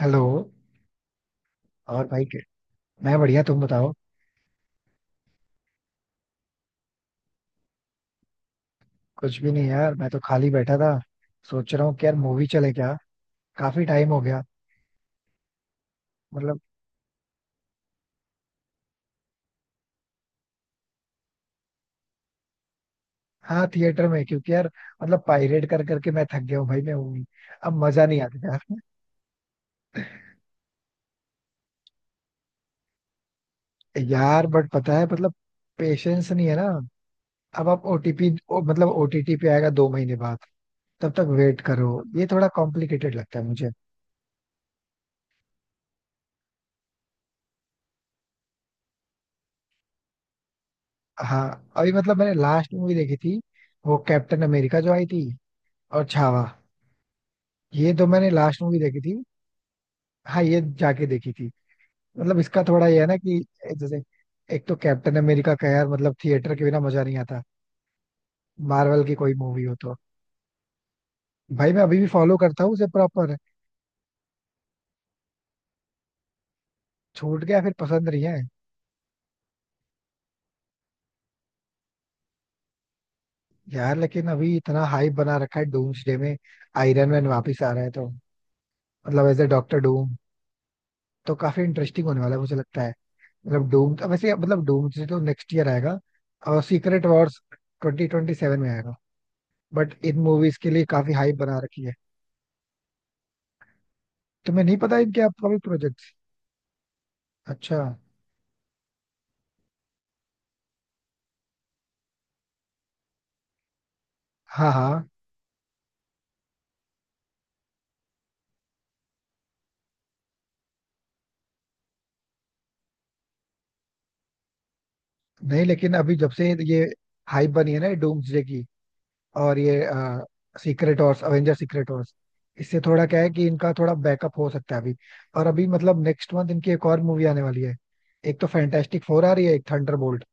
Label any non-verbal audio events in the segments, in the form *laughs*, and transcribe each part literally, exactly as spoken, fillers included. Hello. और भाई के- मैं बढ़िया, तुम बताओ। कुछ भी नहीं यार, मैं तो खाली बैठा था। सोच रहा हूँ कि यार मूवी चले क्या। काफी टाइम हो गया। मतलब हाँ, थिएटर में। क्योंकि यार मतलब पायरेट कर करके मैं थक गया हूँ भाई, मैं मूवी अब मजा नहीं आता यार। *laughs* यार बट पता है मतलब पेशेंस नहीं है ना। अब आप ओटीपी मतलब ओटीटी पे आएगा दो महीने बाद, तब तक वेट करो। ये थोड़ा कॉम्प्लिकेटेड लगता है मुझे। हाँ, अभी मतलब मैंने लास्ट मूवी देखी थी, वो कैप्टन अमेरिका जो आई थी और छावा। ये तो मैंने लास्ट मूवी देखी थी। हाँ, ये जाके देखी थी। मतलब इसका थोड़ा ये है ना कि जैसे एक तो कैप्टन अमेरिका का यार, मतलब थिएटर के बिना मजा नहीं आता, मार्वल की कोई मूवी हो तो। भाई मैं अभी भी फॉलो करता हूँ उसे प्रॉपर। छूट गया फिर पसंद नहीं है। यार लेकिन अभी इतना हाइप बना रखा है डूम्सडे में, आयरन मैन वापिस आ रहा है, तो मतलब एज ए डॉक्टर डूम, तो काफी इंटरेस्टिंग होने वाला है मुझे लगता है। मतलब डूम वैसे मतलब डूम्सडे तो नेक्स्ट ईयर आएगा और Secret Wars twenty twenty seven में आएगा। बट इन मूवीज के लिए काफी हाइप बना रखी है। तुम्हें नहीं पता इनके अपकमिंग भी प्रोजेक्ट? अच्छा। हाँ हाँ। नहीं लेकिन अभी जब से ये हाइप बनी है ना डूम्सडे की और ये Secret Wars, Avenger Secret Wars, इससे थोड़ा क्या है कि इनका थोड़ा बैकअप हो सकता है अभी। और अभी मतलब नेक्स्ट मंथ इनकी एक और मूवी आने वाली है। एक तो फैंटास्टिक फोर आ रही है, एक थंडरबोल्ट।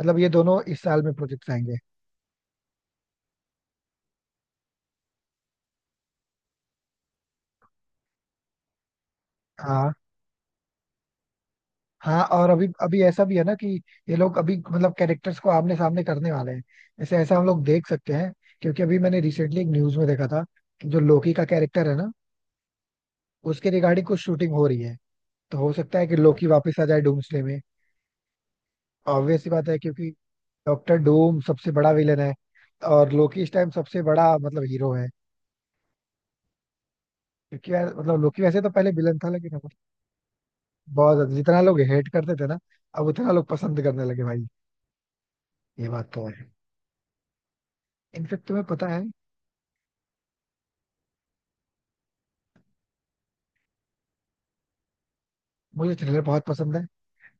मतलब ये दोनों इस साल में प्रोजेक्ट्स आएंगे। हाँ। हाँ और अभी अभी ऐसा भी है ना कि ये लोग अभी मतलब कैरेक्टर्स को आमने सामने करने वाले हैं। ऐसे ऐसा हम लोग देख सकते हैं क्योंकि अभी मैंने रिसेंटली एक न्यूज में देखा था कि जो लोकी का कैरेक्टर है ना, उसके रिगार्डिंग कुछ शूटिंग हो रही है। तो हो सकता है कि लोकी वापस आ जाए डूम्सडे में। ऑब्वियस सी बात है क्योंकि डॉक्टर डूम सबसे बड़ा विलन है और लोकी इस टाइम सबसे बड़ा मतलब हीरो है। क्योंकि यार मतलब लोकी वैसे तो पहले विलन था लेकिन अब बहुत ज्यादा- जितना लोग हेट करते थे ना, अब उतना लोग पसंद करने लगे भाई। ये बात तो है। इनफेक्ट तुम्हें पता है। मुझे थ्रिलर बहुत पसंद है।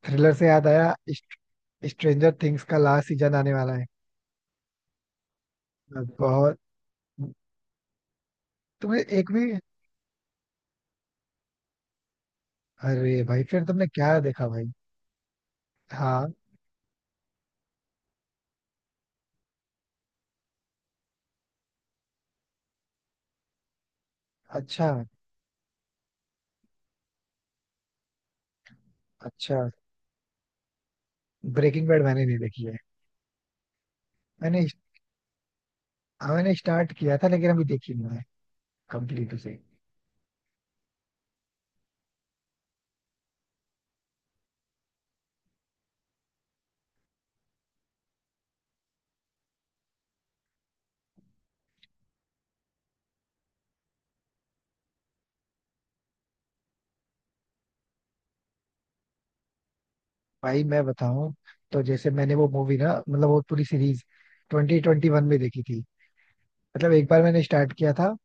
थ्रिलर से याद आया, स्ट्रेंजर थिंग्स का लास्ट सीजन आने वाला है। बहुत। तुम्हें एक भी? अरे भाई फिर तुमने क्या देखा भाई? हाँ। अच्छा। अच्छा। ब्रेकिंग बैड मैंने नहीं देखी है। मैंने हाँ, मैंने स्टार्ट किया था लेकिन अभी देखी नहीं है, कंप्लीट उसे। भाई मैं बताऊं, तो जैसे मैंने वो मूवी ना मतलब वो पूरी सीरीज ट्वेंटी ट्वेंटी वन में देखी थी। मतलब एक बार मैंने स्टार्ट किया था।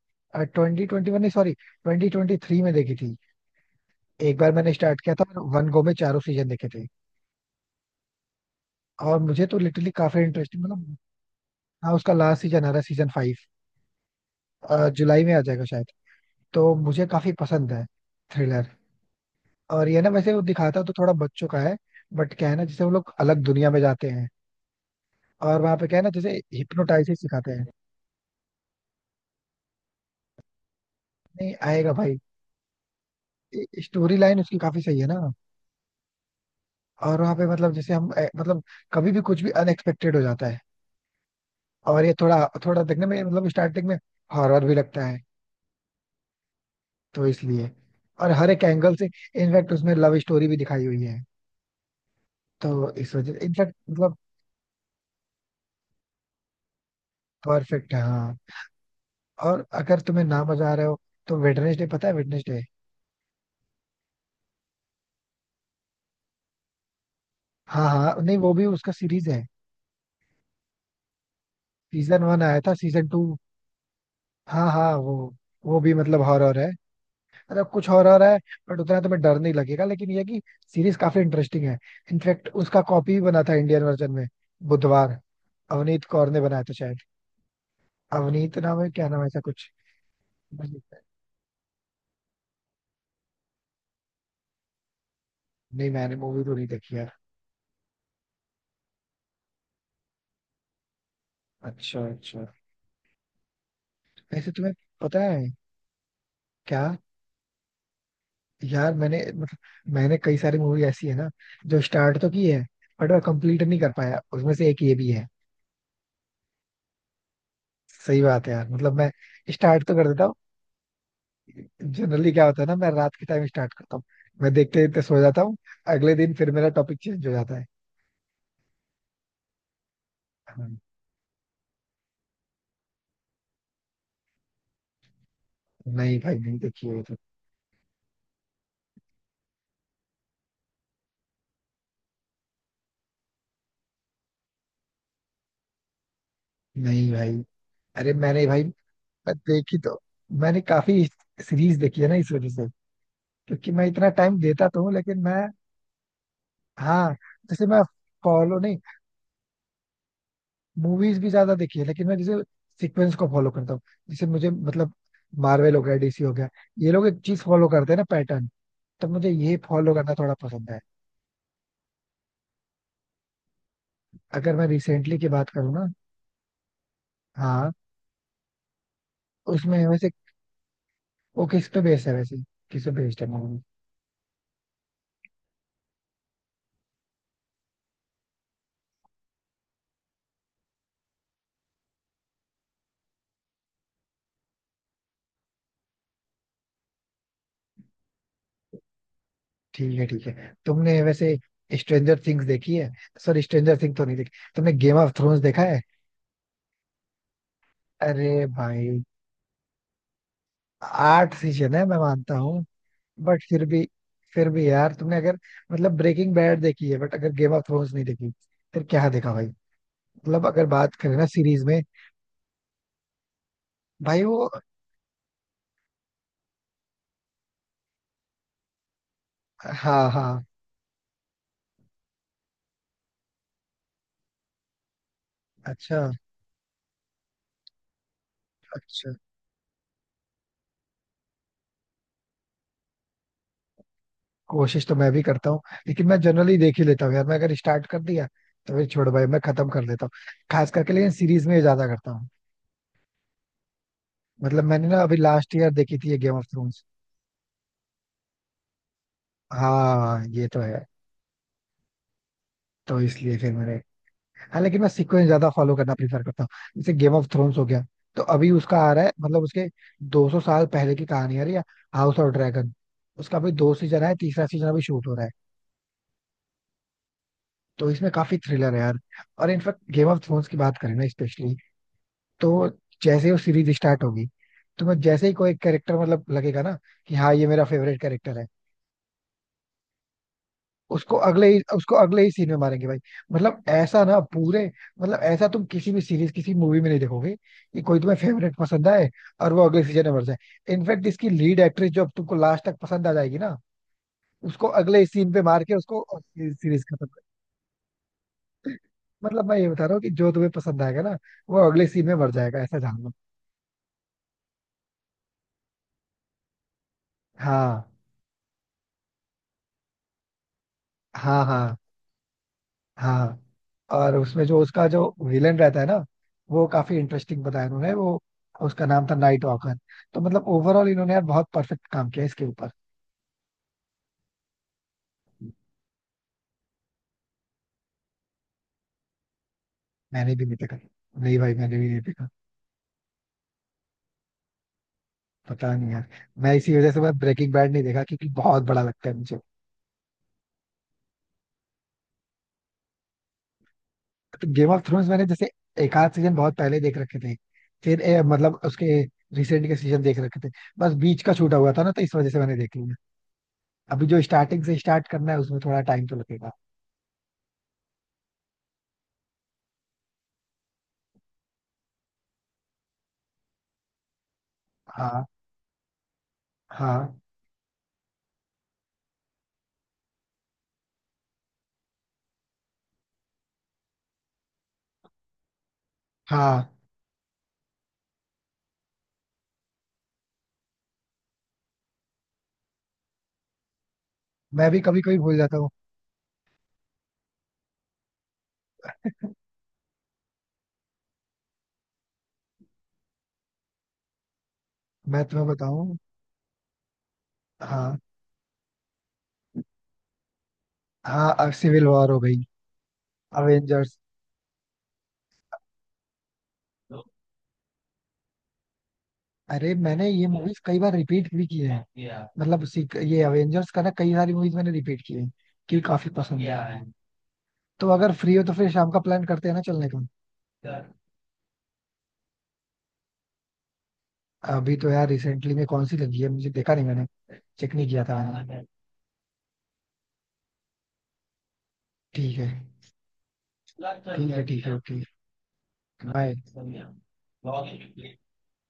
ट्वेंटी ट्वेंटी वन नहीं सॉरी, ट्वेंटी ट्वेंटी थ्री में देखी थी। एक बार मैंने स्टार्ट किया था, मैंने वन गो में चारों सीजन देखे थे और मुझे तो लिटरली काफी इंटरेस्टिंग मतलब। हाँ, उसका लास्ट सीजन आ रहा है, सीजन फाइव जुलाई में आ जाएगा शायद। तो मुझे काफी पसंद है थ्रिलर। और ये ना वैसे वो दिखाता तो थोड़ा बच्चों का है बट क्या है ना, जैसे वो लोग अलग दुनिया में जाते हैं और वहां पे क्या है ना, जैसे हिप्नोटाइसिस सिखाते हैं। नहीं आएगा भाई। स्टोरी लाइन उसकी काफी सही है ना। और वहां पे मतलब जैसे हम ए, मतलब कभी भी कुछ भी अनएक्सपेक्टेड हो जाता है। और ये थोड़ा थोड़ा देखने में मतलब स्टार्टिंग में हॉरर भी लगता है, तो इसलिए। और हर एक एंगल से इनफैक्ट उसमें लव स्टोरी भी दिखाई हुई है, तो इस वजह इनफैक्ट मतलब परफेक्ट है हाँ। और अगर तुम्हें ना मजा आ रहा हो तो वेडनेसडे, पता है वेडनेसडे? हाँ हाँ, नहीं वो भी उसका सीरीज है। सीजन वन आया था, सीजन टू। हाँ हाँ, वो वो भी मतलब हॉरर है, मतलब कुछ हॉरर है। बट उतना तुम्हें डर नहीं लगेगा, लेकिन ये है कि सीरीज काफी इंटरेस्टिंग है। इनफैक्ट उसका कॉपी भी बना था इंडियन वर्जन में, बुधवार। अवनीत कौर ने बनाया था शायद। अवनीत नाम है क्या, नाम है ऐसा कुछ। नहीं मैंने मूवी तो नहीं देखी यार। अच्छा अच्छा। ऐसे तुम्हें पता है क्या? यार मैंने मतलब मैंने कई सारी मूवी ऐसी है ना जो स्टार्ट तो की है बट मैं कंप्लीट नहीं कर पाया, उसमें से एक ये भी है। सही बात है यार मतलब मैं स्टार्ट तो कर देता हूँ। जनरली क्या होता है ना, मैं रात के टाइम स्टार्ट करता हूँ, मैं देखते देखते सो जाता हूँ। अगले दिन फिर मेरा टॉपिक चेंज हो जाता है। हाँ। नहीं भाई नहीं देखी है ये तो। नहीं भाई। अरे मैंने भाई मैं देखी तो, मैंने काफी सीरीज देखी है ना इस वजह से, क्योंकि मैं इतना टाइम देता तो हूँ लेकिन मैं। हाँ, जैसे मैं फॉलो नहीं, मूवीज भी ज्यादा देखी है लेकिन मैं जैसे सीक्वेंस को फॉलो करता हूँ। जैसे मुझे मतलब मार्वल हो गया, डीसी हो गया, ये लोग एक चीज फॉलो करते हैं ना, पैटर्न। तो मुझे ये फॉलो करना थोड़ा पसंद है। अगर मैं रिसेंटली की बात करूँ ना। हाँ उसमें वैसे, वो किस पे बेस्ड है वैसे? किस पे बेस्ड है मूवी? ठीक है ठीक है, तुमने वैसे स्ट्रेंजर थिंग्स देखी है? सॉरी, स्ट्रेंजर थिंग तो नहीं देखी। तुमने गेम ऑफ थ्रोन्स देखा है? अरे भाई, आठ सीजन है मैं मानता हूँ बट फिर भी। फिर भी यार तुमने अगर, मतलब ब्रेकिंग बैड देखी है बट अगर गेम ऑफ थ्रोन्स नहीं देखी, फिर क्या देखा भाई? मतलब अगर बात करें ना सीरीज में। भाई वो। हाँ हाँ। अच्छा। अच्छा। कोशिश तो मैं भी करता हूँ, लेकिन मैं जनरली देख ही लेता हूँ यार, मैं अगर स्टार्ट कर दिया तो फिर छोड़, भाई मैं खत्म कर लेता हूँ। खास करके लेकिन सीरीज में ये ज्यादा करता हूँ। मतलब मैंने ना अभी लास्ट ईयर देखी थी ये गेम ऑफ थ्रोन्स। हाँ ये तो है। तो इसलिए फिर मैंने। हालांकि मैं सीक्वेंस ज्यादा फॉलो करना प्रीफर करता हूँ, जैसे गेम ऑफ थ्रोन्स हो गया, तो अभी उसका आ रहा है, मतलब उसके दो सौ साल पहले की कहानी आ रही है, हाउस ऑफ ड्रैगन। उसका अभी दो सीजन है, तीसरा सीजन अभी शूट हो रहा है। तो इसमें काफी थ्रिलर है यार। और इनफैक्ट गेम ऑफ थ्रोन्स की बात करें ना स्पेशली, तो जैसे ही वो सीरीज स्टार्ट होगी, तो मैं जैसे ही कोई कैरेक्टर मतलब लगेगा ना कि हाँ ये मेरा फेवरेट कैरेक्टर है, उसको अगले ही उसको अगले ही सीन में मारेंगे भाई। मतलब ऐसा ना पूरे, मतलब ऐसा तुम किसी भी सीरीज किसी मूवी में नहीं देखोगे कि कोई तुम्हें फेवरेट पसंद आए और वो अगले सीजन में मर जाए। इनफैक्ट इसकी लीड एक्ट्रेस जो अब तुमको लास्ट तक पसंद आ जाएगी ना, उसको अगले सीन पे मार के उसको सीरीज खत्म कर। मतलब मैं ये बता रहा हूँ कि जो तुम्हें पसंद आएगा ना, वो अगले सीन में मर जाएगा, ऐसा जान लो। हाँ हाँ। हाँ हाँ। और उसमें जो उसका जो विलेन रहता है ना, वो काफी इंटरेस्टिंग बताया उन्होंने वो, उसका नाम था नाइट वॉकर। तो मतलब ओवरऑल इन्होंने यार बहुत परफेक्ट काम किया इसके ऊपर। मैंने भी नहीं देखा, नहीं भाई मैंने भी नहीं देखा। पता नहीं यार, मैं इसी वजह से मैं ब्रेकिंग बैड नहीं देखा क्योंकि बहुत बड़ा लगता है मुझे। तो गेम ऑफ थ्रोन्स मैंने जैसे एक आध सीजन बहुत पहले देख रखे थे, फिर ए, मतलब उसके रिसेंट के सीजन देख रखे थे। बस बीच का छूटा हुआ था ना, तो इस वजह से मैंने देख लिया। अभी जो स्टार्टिंग से स्टार्ट करना है उसमें थोड़ा टाइम तो लगेगा। हाँ। हाँ। हाँ मैं भी कभी कभी भूल जाता हूँ। मैं तुम्हें बताऊँ। हाँ। हाँ सिविल वॉर हो गई, अवेंजर्स। अरे मैंने ये मूवीज कई बार रिपीट भी किए हैं। मतलब सीक- ये अवेंजर्स का ना कई सारी मूवीज मैंने रिपीट किए हैं क्योंकि काफी पसंद है। तो अगर फ्री हो तो फिर शाम का प्लान करते हैं ना चलने का। अभी तो यार रिसेंटली में कौन सी लगी है मुझे देखा नहीं मैंने, चेक नहीं किया था मैंने। ठीक है। ठीक है ठीक है ओके। बाय।